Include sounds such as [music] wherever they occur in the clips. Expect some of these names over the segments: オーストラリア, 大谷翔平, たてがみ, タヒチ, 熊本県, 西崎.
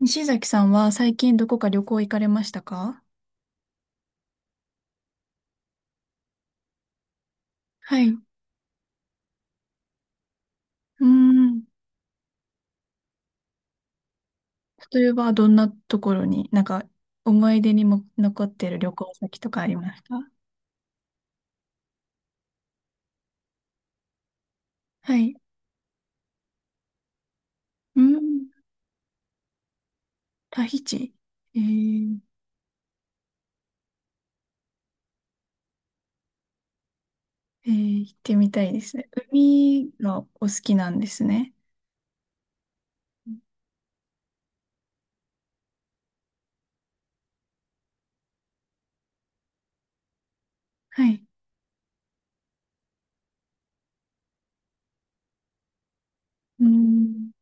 西崎さんは最近どこか旅行行かれましたか？はい。うーん。例えば、どんなところに、なんか、思い出にも残ってる旅行先とかありますか？はい。うーん。タヒチ。えー、行ってみたいですね。海がお好きなんですね。はい。うーん。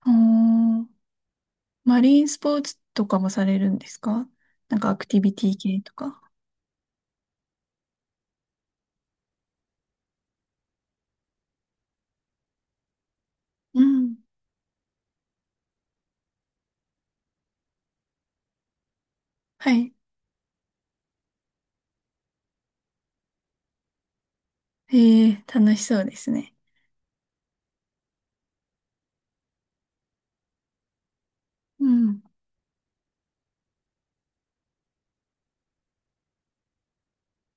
あー、マリンスポーツとかもされるんですか？なんかアクティビティ系とか。うん。はい。え楽しそうですね。うん。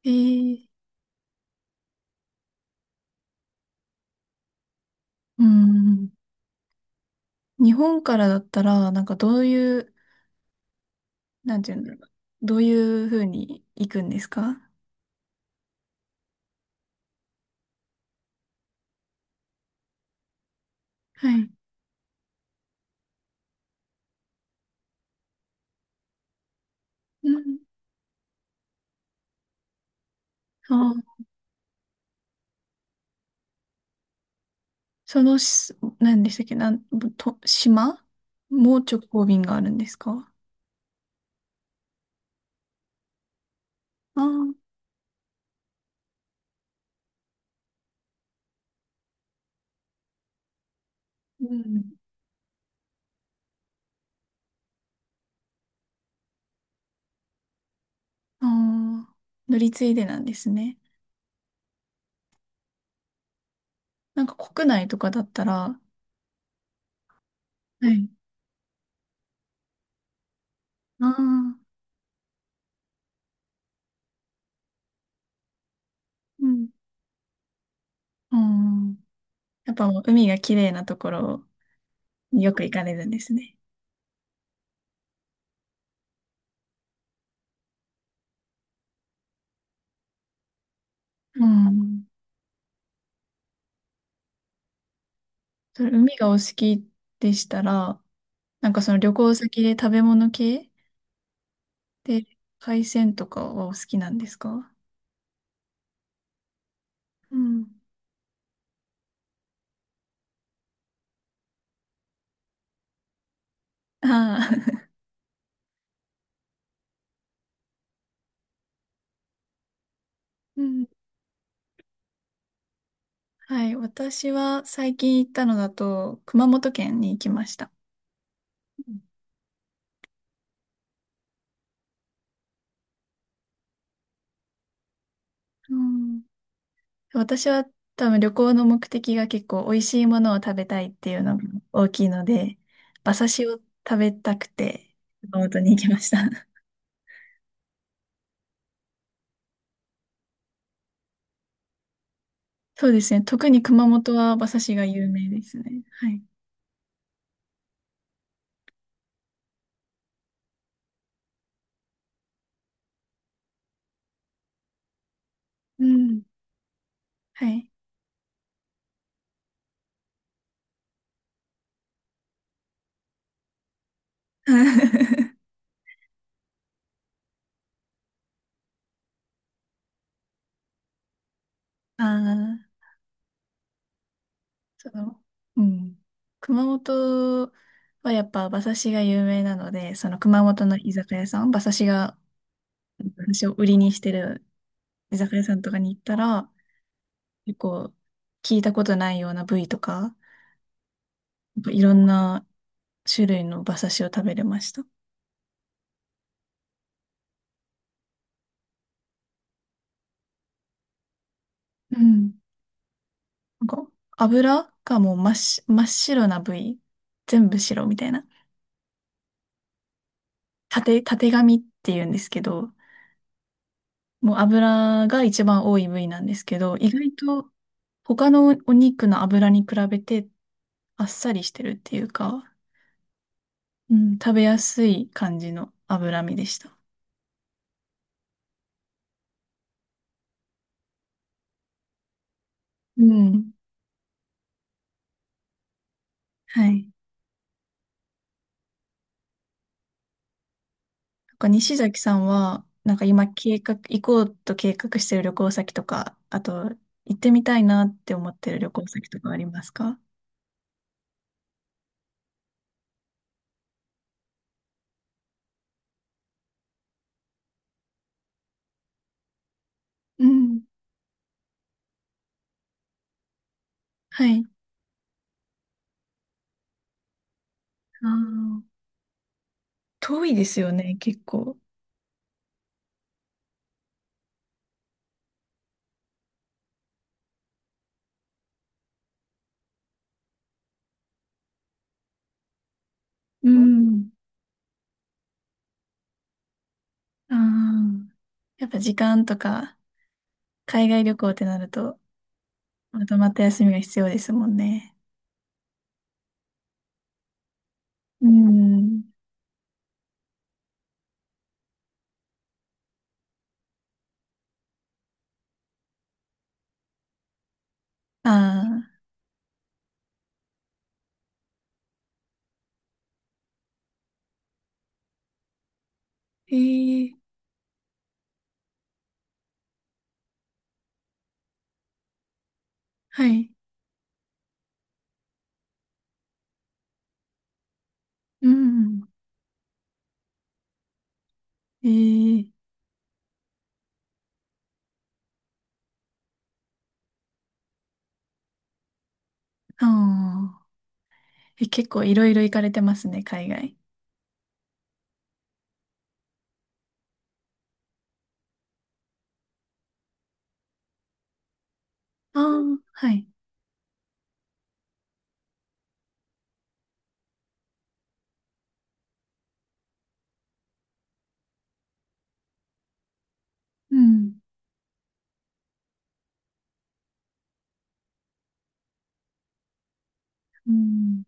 えー、うん。日本からだったら、なんかどういう、なんていうんだろう。どういうふうに行くんですか？はい。うん。あ、そのし、何でしたっけ、なん、と、島、もう直行便があるんですか？ああー、うん。ああ、乗り継いでなんですね。なんか国内とかだったら、はい。ああ、うん。うん。やっぱもう海が綺麗なところによく行かれるんですね。うん。それ海がお好きでしたら、なんかその旅行先で食べ物系で海鮮とかはお好きなんですか？うん。ああ、[laughs] うん。はい。私は最近行ったのだと熊本県に行きました。うん。私は多分旅行の目的が結構美味しいものを食べたいっていうのが大きいので、馬刺しを食べたくて熊本に行きました。[laughs] そうですね。特に熊本は馬刺しが有名ですね。はい。うん。はい。[laughs] ああ、その、うん。熊本はやっぱ馬刺しが有名なので、その熊本の居酒屋さん、馬刺しを売りにしてる居酒屋さんとかに行ったら、結構聞いたことないような部位とか、なんかいろんな種類の馬刺しを食べれました。うん。なんか油がもう真っ白な部位、全部白みたいな。たてがみって言うんですけど、もう油が一番多い部位なんですけど、意外と他のお肉の油に比べてあっさりしてるっていうか、うん、食べやすい感じの脂身でした。うん。はい。なんか西崎さんは、なんか今計画、行こうと計画してる旅行先とか、あと行ってみたいなって思ってる旅行先とかありますか？うん。はい。あー、遠いですよね、結構。うん。ああ。やっぱ時間とか、海外旅行ってなると、まとまった休みが必要ですもんね。うん。ああ、ええ、はい。うん。ええああえ、結構いろいろ行かれてますね、海外。ああ、はい。うん。うん。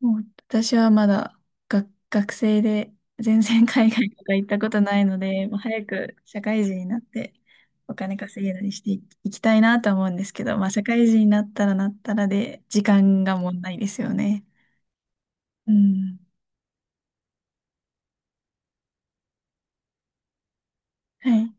もう私はまだ学生で全然海外とか行ったことないので、もう早く社会人になってお金稼げるようにしていきいきたいなとは思うんですけど、まあ社会人になったらなったらで時間が問題ですよね。うん。はい。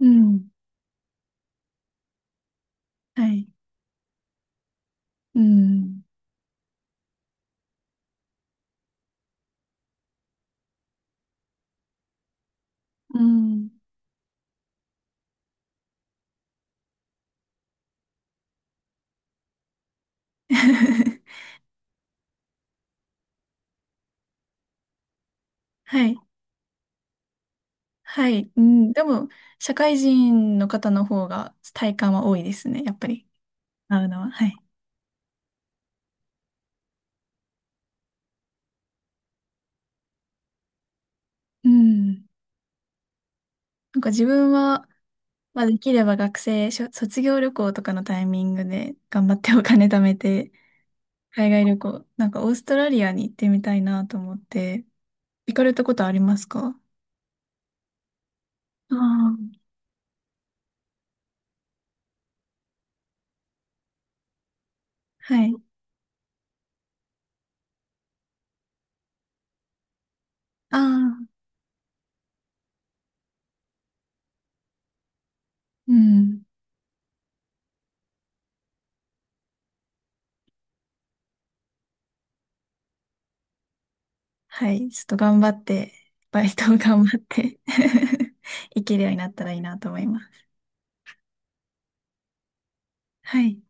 うん。はい。うん。うん。[laughs] はい。はい。うん。でも、社会人の方の方が体感は多いですね。やっぱり、会うのは。はい。うん。なんか自分は、まあ、できれば学生、卒業旅行とかのタイミングで頑張ってお金貯めて、[laughs] 海外旅行、なんかオーストラリアに行ってみたいなと思って、行かれたことありますか？ああ、はい。ああ、うん。はい。ちょっと頑張って、バイトを頑張って [laughs] 行けるようになったらいいなと思います。はい。